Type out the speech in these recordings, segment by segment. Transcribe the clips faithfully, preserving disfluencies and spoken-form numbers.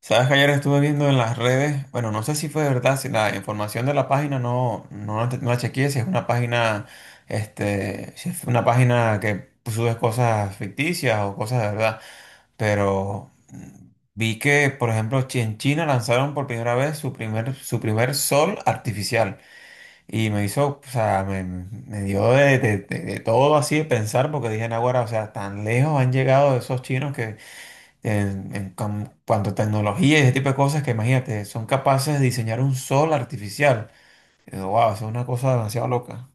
Sabes que ayer estuve viendo en las redes, bueno, no sé si fue verdad, si la información de la página no, no, la- no la chequeé, si es una página, este, si es una página que sube cosas ficticias o cosas de verdad, pero mm, vi que, por ejemplo, chi- en China lanzaron por primera vez su primer, su primer sol artificial y me hizo, o sea, me, me dio de, de- de- de todo así de pensar porque dije, ahora, o sea, tan lejos han llegado esos chinos en, en cuan- cuanto a tecnología y ese tipo de cosas que imagínate, son capaces de diseñar un sol artificial. Wow, es una cosa demasiado loca.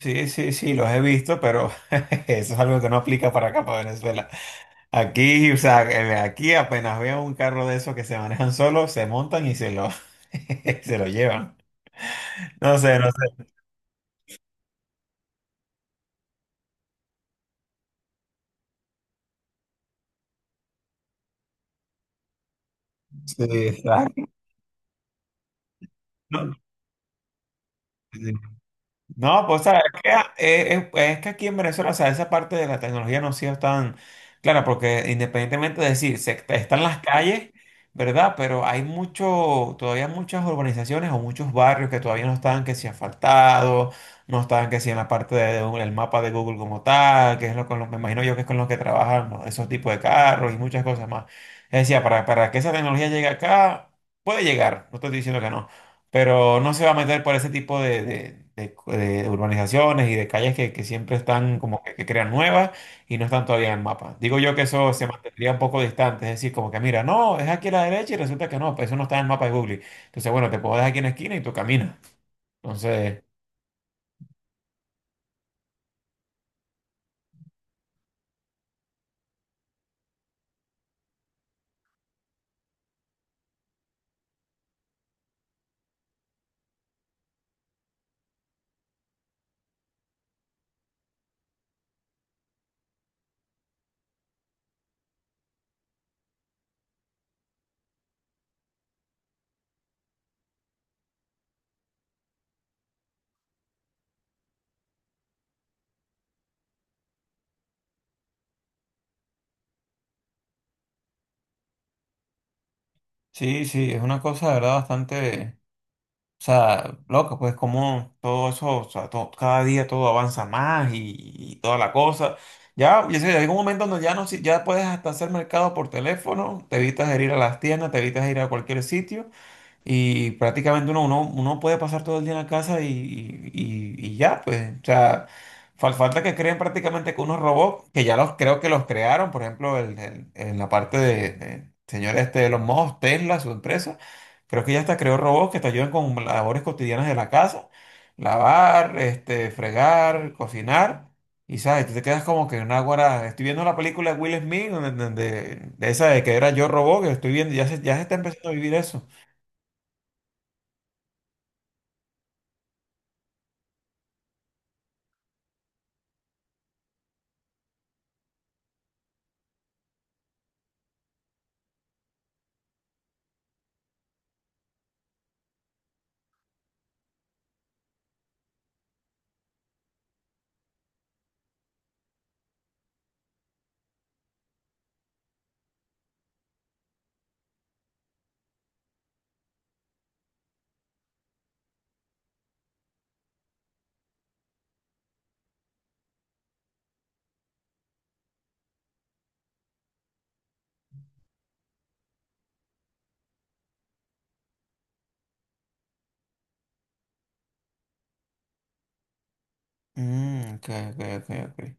Sí, sí, sí, los he visto, pero eso es algo que no aplica para acá, para Venezuela. Aquí, o sea, eh, aquí apenas veo un carro de esos que se manejan solos, se montan y se lo, se lo llevan. No sé, no sé. Sí, exacto. No, sí. Sí. No, pues sabes que, eh, eh, pues, es que aquí en Venezuela, o sea, esa parte de la tecnología no ha sido tan clara, porque independientemente de decir, se, están las calles, ¿verdad? Pero hay mucho, todavía muchas urbanizaciones o muchos barrios que todavía no están que si asfaltados, no están que si en la parte del mapa de Google como tal, que es lo con lo, me imagino yo que es con los que trabajan, ¿no? Esos tipos de carros y muchas cosas más. Es decir, para, para que esa tecnología llegue acá, puede llegar, no estoy diciendo que no, pero no se va a meter por ese tipo de, de- de- de urbanizaciones y de calles que, que siempre están como que, que crean nuevas y no están todavía en el mapa. Digo yo que eso se mantendría un poco distante, es decir, como que mira, no, es aquí a la derecha y resulta que no, pues eso no está en el mapa de Google. Entonces, bueno, te puedo dejar aquí en la esquina y tú caminas. Entonces, Sí, sí, es una cosa, de verdad, bastante. O sea, loco, pues como todo eso, o sea, to- cada día todo avanza más y, y toda la cosa. Ya, ya sé, hay un momento donde ya no, si- ya puedes hasta hacer mercado por teléfono, te evitas de ir a las tiendas, te evitas de ir a cualquier sitio y prácticamente uno, uno, uno puede pasar todo el día en la casa y, y- y- y ya, pues, o sea, fal- falta que creen prácticamente que unos robots, que ya los creo que los crearon, por ejemplo, el- el- en la parte de, de señor este de los mojos, Tesla, su empresa, creo que ya hasta creó robots que te ayudan con labores cotidianas de la casa, lavar, este, fregar, cocinar. Y sabes, tú te quedas como que una guara. Estoy viendo la película de Will Smith, donde, donde- de esa de que era Yo Robot, que estoy viendo, ya se, ya se está empezando a vivir eso. Mm, ok, ok, ok, ok.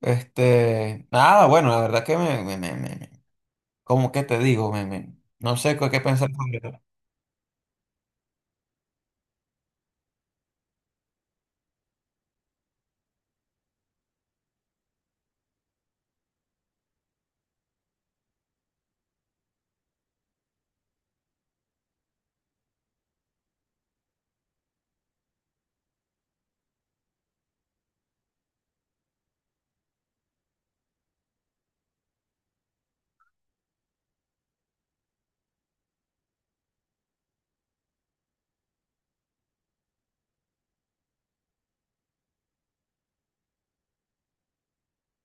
Este, nada, bueno, la verdad que me, me- me- me- me- como que te digo, me, me- no sé qué qué pensar.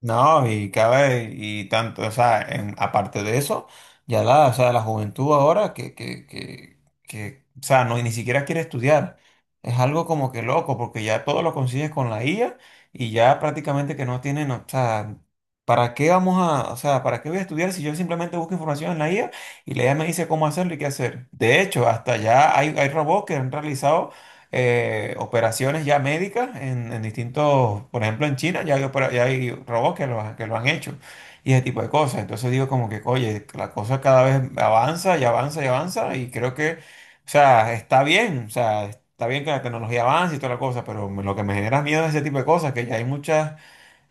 No, y cabe, y tanto, o sea, en- aparte de eso, ya la, o sea, la juventud ahora que, que, que, que, o sea, no, ni siquiera quiere estudiar. Es algo como que loco, porque ya todo lo consigues con la I A y ya prácticamente que no tienen, o sea, ¿para qué vamos a, o sea, para qué voy a estudiar si yo simplemente busco información en la I A y la I A me dice cómo hacerlo y qué hacer? De hecho, hasta ya hay, hay robots que han realizado eh, operaciones ya médicas en, en distintos, por ejemplo en China ya hay, opera- ya hay robots que lo, ha- que lo han hecho y ese tipo de cosas. Entonces digo como que, oye, la cosa cada vez avanza y avanza y avanza y creo que, o sea, está bien, o sea, está bien que la tecnología avance y toda la cosa, pero lo que me genera miedo es ese tipo de cosas, que ya hay muchas,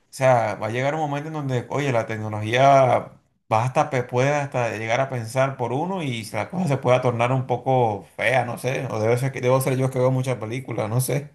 o sea, va a llegar un momento en donde, oye, la tecnología va hasta, pe- puede hasta llegar a pensar por uno y la cosa se puede tornar un poco fea, no sé, o debe ser, que- debo ser yo que veo muchas películas, no sé.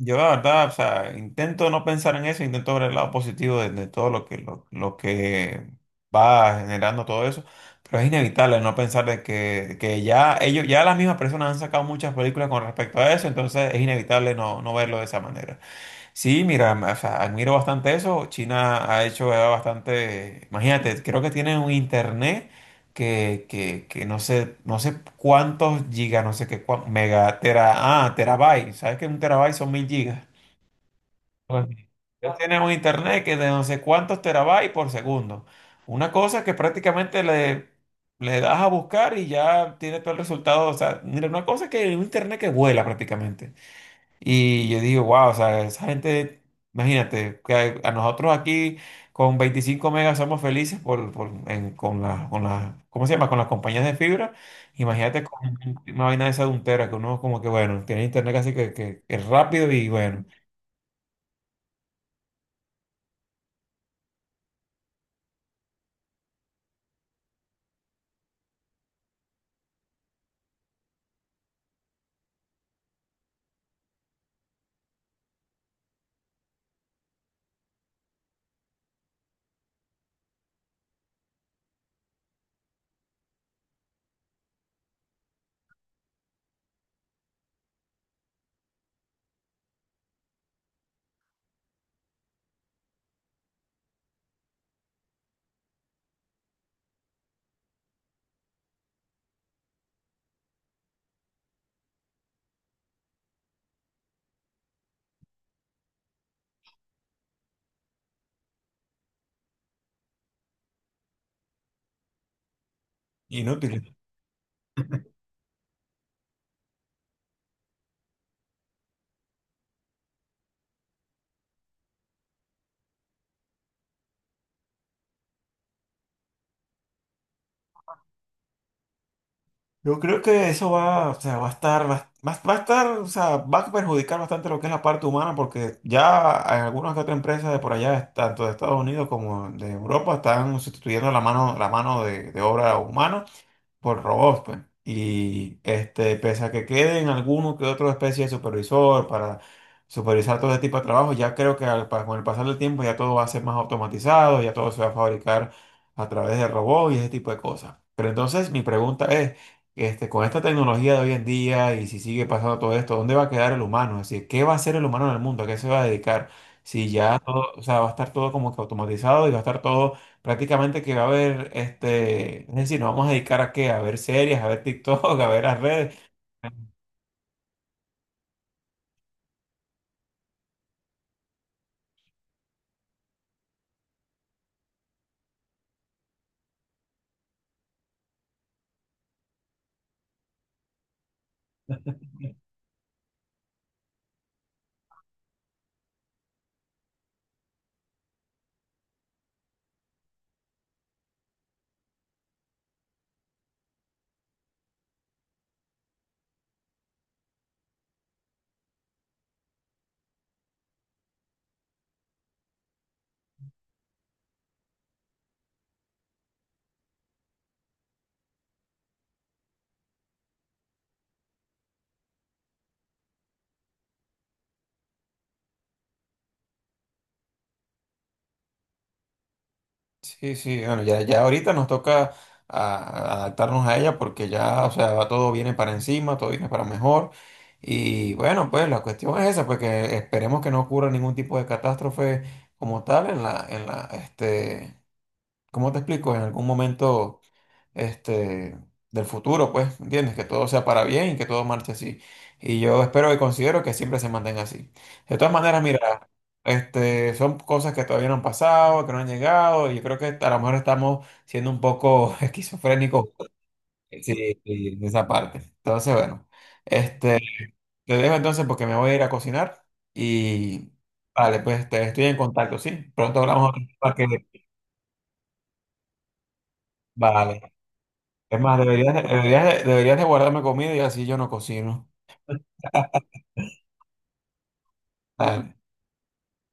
Yo la verdad, o sea, intento no pensar en eso, intento ver el lado positivo de, de todo lo que, lo, lo que va generando todo eso, pero es inevitable no pensar de que, que ya ellos, ya las mismas personas han sacado muchas películas con respecto a eso, entonces es inevitable no, no verlo de esa manera. Sí, mira, ma- o sea, admiro bastante eso. China ha hecho ya bastante, imagínate, creo que tienen un internet que, que, que no sé, no sé cuántos gigas, no sé qué, cua- mega, tera, ah, terabyte, ¿sabes que un terabyte son mil gigas? Bueno, ellos tienen un internet que de no sé cuántos terabytes por segundo. Una cosa que prácticamente le, le das a buscar y ya tienes todo el resultado. O sea, mira, una cosa que un internet que vuela prácticamente. Y yo digo, wow, o sea, esa gente, imagínate, que a a nosotros aquí con veinticinco megas somos felices por, por- en- con las, con las, ¿cómo se llama? Con las compañías de fibra. Imagínate con una vaina de esa de un tera, que uno como que, bueno, tiene internet casi que, que, que es rápido y bueno, inútil. Yo creo que eso va, o sea, va a estar, va, va- va a estar, o sea, va a perjudicar bastante lo que es la parte humana, porque ya en algunas que otras empresas de por allá, tanto de Estados Unidos como de Europa, están sustituyendo la mano, la mano de, de obra humana por robots, pues. Y este, pese a que queden alguno que otro especie de supervisor para supervisar todo ese tipo de trabajo, ya creo que al pa- con el pasar del tiempo ya todo va a ser más automatizado, ya todo se va a fabricar a través de robots y ese tipo de cosas. Pero entonces mi pregunta es, este, con esta tecnología de hoy en día y si sigue pasando todo esto, ¿dónde va a quedar el humano? Es decir, ¿qué va a hacer el humano en el mundo? ¿A qué se va a dedicar? Si ya todo, o sea, va a estar todo como que automatizado y va a estar todo prácticamente que va a haber, este, es decir, nos vamos a dedicar a qué, a ver series, a ver TikTok, a ver las redes. Sí, sí, bueno, ya, ya ahorita nos toca a- adaptarnos a ella porque ya, o sea, va- todo viene para encima, todo viene para mejor. Y bueno, pues la cuestión es esa, pues que esperemos que no ocurra ningún tipo de catástrofe como tal en la, en la, este, ¿cómo te explico? En algún momento. este, del futuro, pues, ¿entiendes? Que todo sea para bien y que todo marche así. Y yo espero y considero que siempre se mantenga así. De todas maneras, mira, este, son cosas que todavía no han pasado, que no han llegado, y yo creo que a lo mejor estamos siendo un poco esquizofrénicos, sí, sí, en esa parte. Entonces, bueno, este, te dejo entonces porque me voy a ir a cocinar y, vale, pues te estoy en contacto, ¿sí? Pronto hablamos para que, vale. Es más, deberías, de- deberías, de- deberías de guardarme comida y así yo no cocino. Ah,